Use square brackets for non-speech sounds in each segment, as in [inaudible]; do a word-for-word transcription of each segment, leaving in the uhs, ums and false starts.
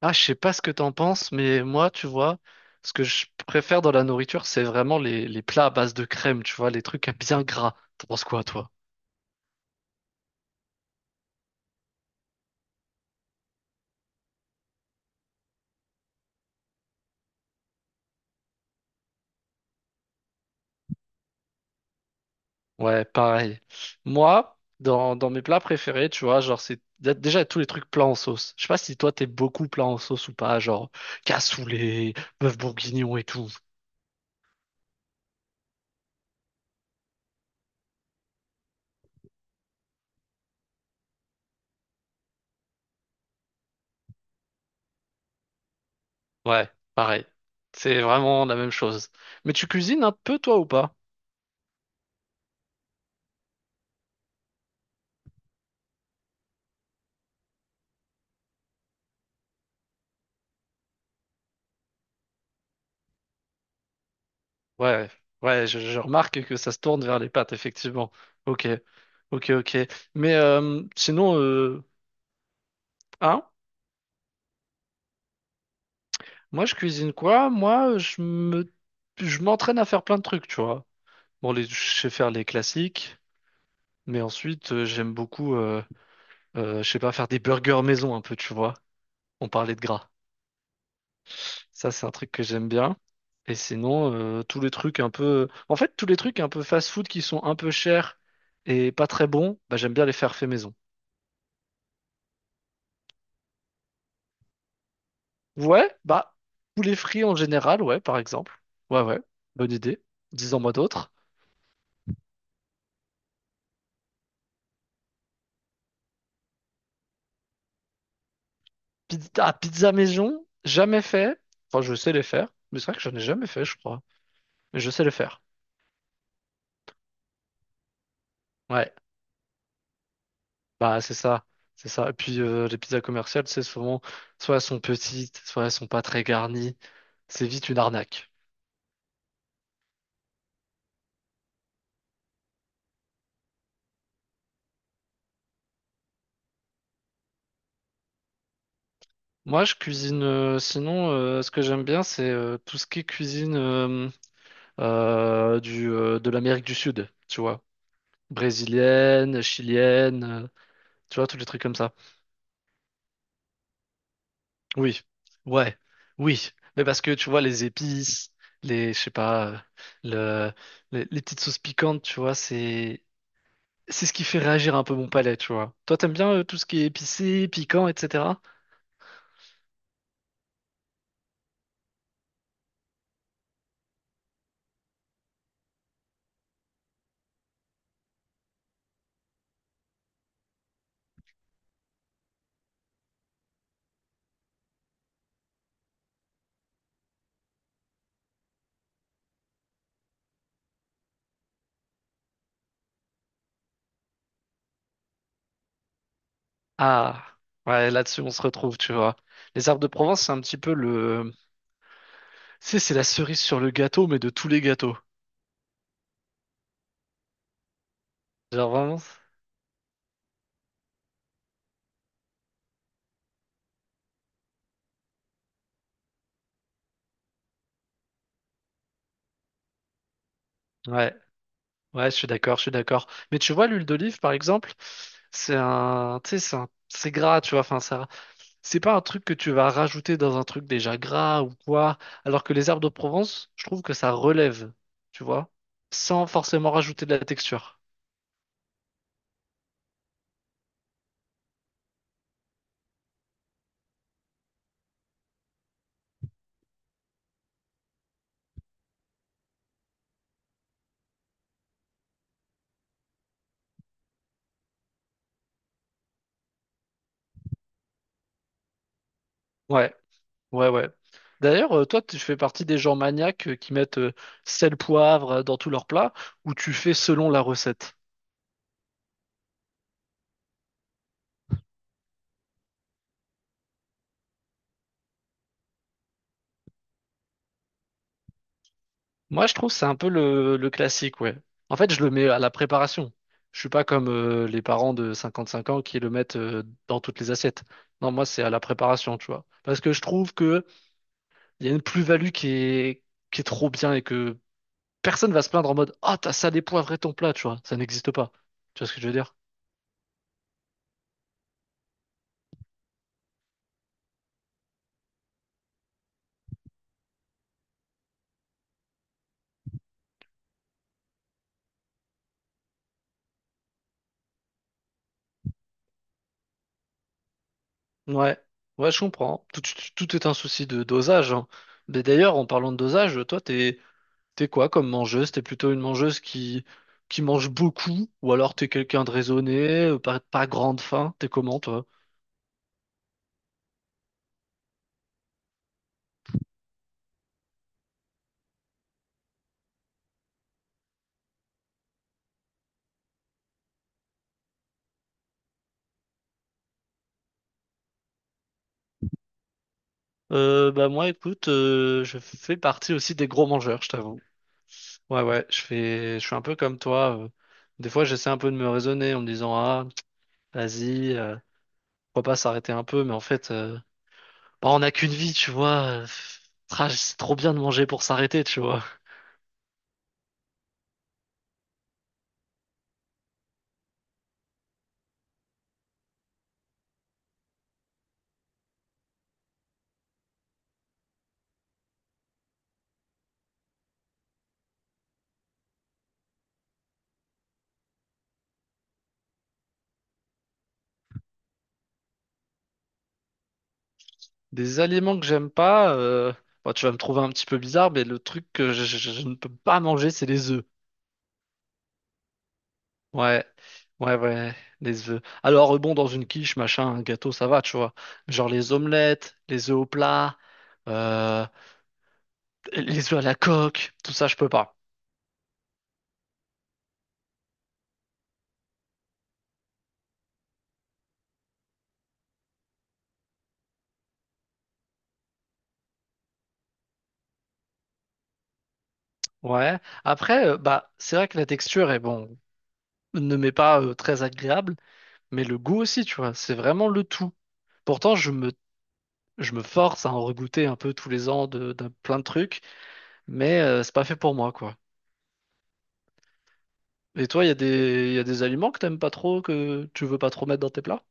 Ah, je sais pas ce que t'en penses, mais moi, tu vois, ce que je préfère dans la nourriture, c'est vraiment les, les plats à base de crème, tu vois, les trucs [laughs] à bien gras. T'en penses quoi, toi? Ouais, pareil. Moi, dans, dans mes plats préférés, tu vois, genre, c'est dé- déjà tous les trucs plats en sauce. Je sais pas si toi, t'es beaucoup plats en sauce ou pas, genre cassoulet, bœuf bourguignon et tout. Ouais, pareil. C'est vraiment la même chose. Mais tu cuisines un peu, toi, ou pas? Ouais, ouais, je, je remarque que ça se tourne vers les pattes, effectivement. Ok, ok, ok. Mais euh, sinon, euh, hein, moi je cuisine quoi? Moi, je me, je m'entraîne à faire plein de trucs, tu vois. Bon, les, je sais faire les classiques, mais ensuite euh, j'aime beaucoup, euh, euh, je sais pas, faire des burgers maison un peu, tu vois. On parlait de gras. Ça, c'est un truc que j'aime bien. Et sinon, euh, tous les trucs un peu, en fait, tous les trucs un peu fast-food qui sont un peu chers et pas très bons, bah, j'aime bien les faire fait maison. Ouais, bah, poulet frit en général, ouais, par exemple. Ouais, ouais, bonne idée. Disons-moi d'autres. Pizza, ah, pizza maison, jamais fait. Enfin, je sais les faire, mais c'est vrai que j'en ai jamais fait, je crois. Mais je sais les faire. Ouais, bah, c'est ça, c'est ça. Et puis, euh, les pizzas commerciales, c'est souvent, soit elles sont petites, soit elles sont pas très garnies. C'est vite une arnaque. Moi, je cuisine, euh, sinon, euh, ce que j'aime bien, c'est euh, tout ce qui est cuisine euh, euh, du, euh, de l'Amérique du Sud, tu vois. Brésilienne, chilienne, euh, tu vois, tous les trucs comme ça. Oui, ouais, oui. Mais parce que tu vois, les épices, les, je sais pas, euh, le, les, les petites sauces piquantes, tu vois, c'est, c'est ce qui fait réagir un peu mon palais, tu vois. Toi, t'aimes bien euh, tout ce qui est épicé, piquant, et cetera. Ah, ouais, là-dessus, on se retrouve, tu vois. Les herbes de Provence, c'est un petit peu le, tu sais, c'est la cerise sur le gâteau, mais de tous les gâteaux. Genre vraiment, ouais. Ouais, je suis d'accord, je suis d'accord. Mais tu vois, l'huile d'olive, par exemple, c'est un, tu sais, c'est un- c'est gras, tu vois. Enfin, ça, c'est pas un truc que tu vas rajouter dans un truc déjà gras ou quoi. Alors que les herbes de Provence, je trouve que ça relève, tu vois, sans forcément rajouter de la texture. Ouais, ouais, ouais. D'ailleurs, euh, toi, tu fais partie des gens maniaques euh, qui mettent euh, sel, poivre euh, dans tous leurs plats, ou tu fais selon la recette? Moi, je trouve que c'est un peu le, le classique, ouais. En fait, je le mets à la préparation. Je suis pas comme euh, les parents de cinquante-cinq ans qui le mettent euh, dans toutes les assiettes. Non, moi, c'est à la préparation, tu vois. Parce que je trouve que il y a une plus-value qui est, qui est trop bien et que personne va se plaindre en mode «Ah, t'as salé poivré ton plat», tu vois. Ça n'existe pas. Tu vois ce que je veux dire? Ouais, ouais, je comprends. Tout, tout- tout est un souci de dosage, hein. Mais d'ailleurs, en parlant de dosage, toi, t'es, t'es quoi comme mangeuse? T'es plutôt une mangeuse qui, qui mange beaucoup, ou alors t'es quelqu'un de raisonné, euh, pas, pas grande faim, t'es comment toi? Euh, bah moi écoute, euh, je fais partie aussi des gros mangeurs, je t'avoue. Ouais ouais, je fais, je suis un peu comme toi. euh. Des fois j'essaie un peu de me raisonner en me disant ah vas-y, euh, pourquoi pas s'arrêter un peu, mais en fait euh, bah, on n'a qu'une vie, tu vois. euh, pff, ah, c'est trop bien de manger pour s'arrêter, tu vois. Des aliments que j'aime pas, euh, bon, tu vas me trouver un petit peu bizarre, mais le truc que je, je- je ne peux pas manger, c'est les œufs. Ouais, ouais, ouais, les œufs. Alors, euh, bon, dans une quiche, machin, un gâteau, ça va, tu vois. Genre les omelettes, les œufs au plat, euh, les œufs à la coque, tout ça, je peux pas. Ouais. Après, euh, bah, c'est vrai que la texture est bon, ne m'est pas euh, très agréable, mais le goût aussi, tu vois, c'est vraiment le tout. Pourtant, je me, je me force à en regoûter un peu tous les ans de, d'un plein de trucs. Mais euh, c'est pas fait pour moi, quoi. Et toi, il y a des, y a des aliments que t'aimes pas trop, que tu veux pas trop mettre dans tes plats?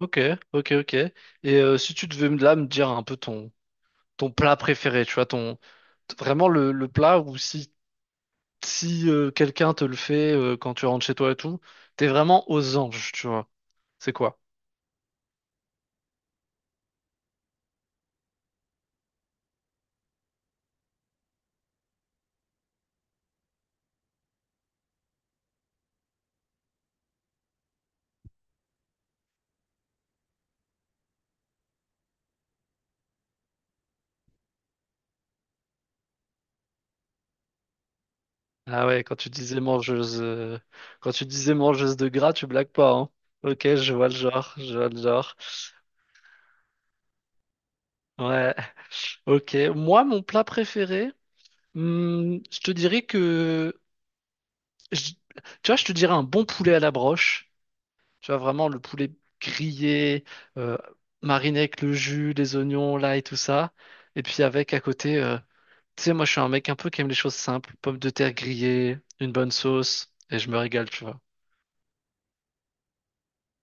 Ok, ok, ok. Et euh, si tu devais me- là me dire un peu ton, ton plat préféré, tu vois, ton, vraiment le, le plat où si si euh, quelqu'un te le fait euh, quand tu rentres chez toi et tout, t'es vraiment aux anges, tu vois. C'est quoi? Ah ouais, quand tu disais mangeuse, euh, quand tu disais mangeuse de gras, tu blagues pas, hein. Ok, je vois le genre, je vois le genre. Ouais. Ok. Moi, mon plat préféré, hmm, je te dirais que, je- tu vois, je te dirais un bon poulet à la broche. Tu vois, vraiment le poulet grillé, euh, mariné avec le jus, les oignons, là et tout ça. Et puis avec à côté, euh, tu sais, moi, je suis un mec un peu qui aime les choses simples. Pommes de terre grillées, une bonne sauce, et je me régale, tu vois.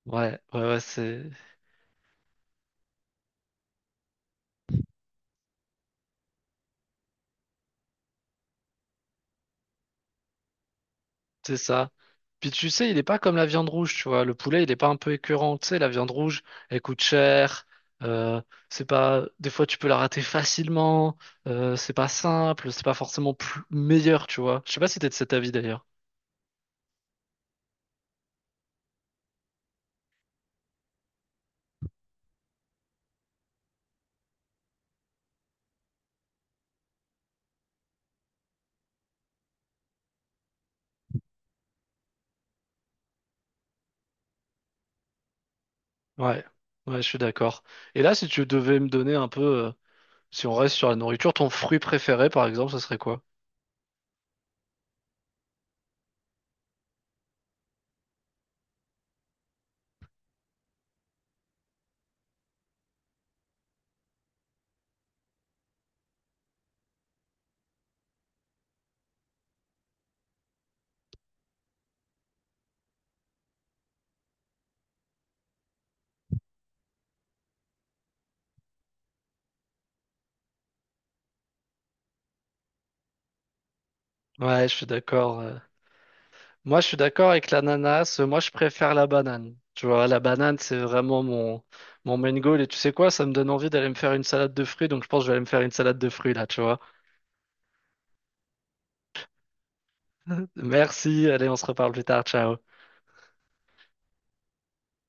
Ouais, ouais, ouais, c'est, c'est ça. Puis tu sais, il est pas comme la viande rouge, tu vois. Le poulet, il est pas un peu écœurant. Tu sais, la viande rouge, elle coûte cher. euh, c'est pas, des fois, tu peux la rater facilement. Euh, c'est pas simple. C'est pas forcément plus- meilleur, tu vois. Je sais pas si t'es de cet avis d'ailleurs. Ouais, ouais, je suis d'accord. Et là, si tu devais me donner un peu, euh, si on reste sur la nourriture, ton fruit préféré, par exemple, ce serait quoi? Ouais, je suis d'accord, ouais. Moi, je suis d'accord avec l'ananas. Moi, je préfère la banane. Tu vois, la banane, c'est vraiment mon, mon main goal. Et tu sais quoi, ça me donne envie d'aller me faire une salade de fruits. Donc, je pense que je vais aller me faire une salade de fruits là, tu vois. [laughs] Merci. Allez, on se reparle plus tard. Ciao.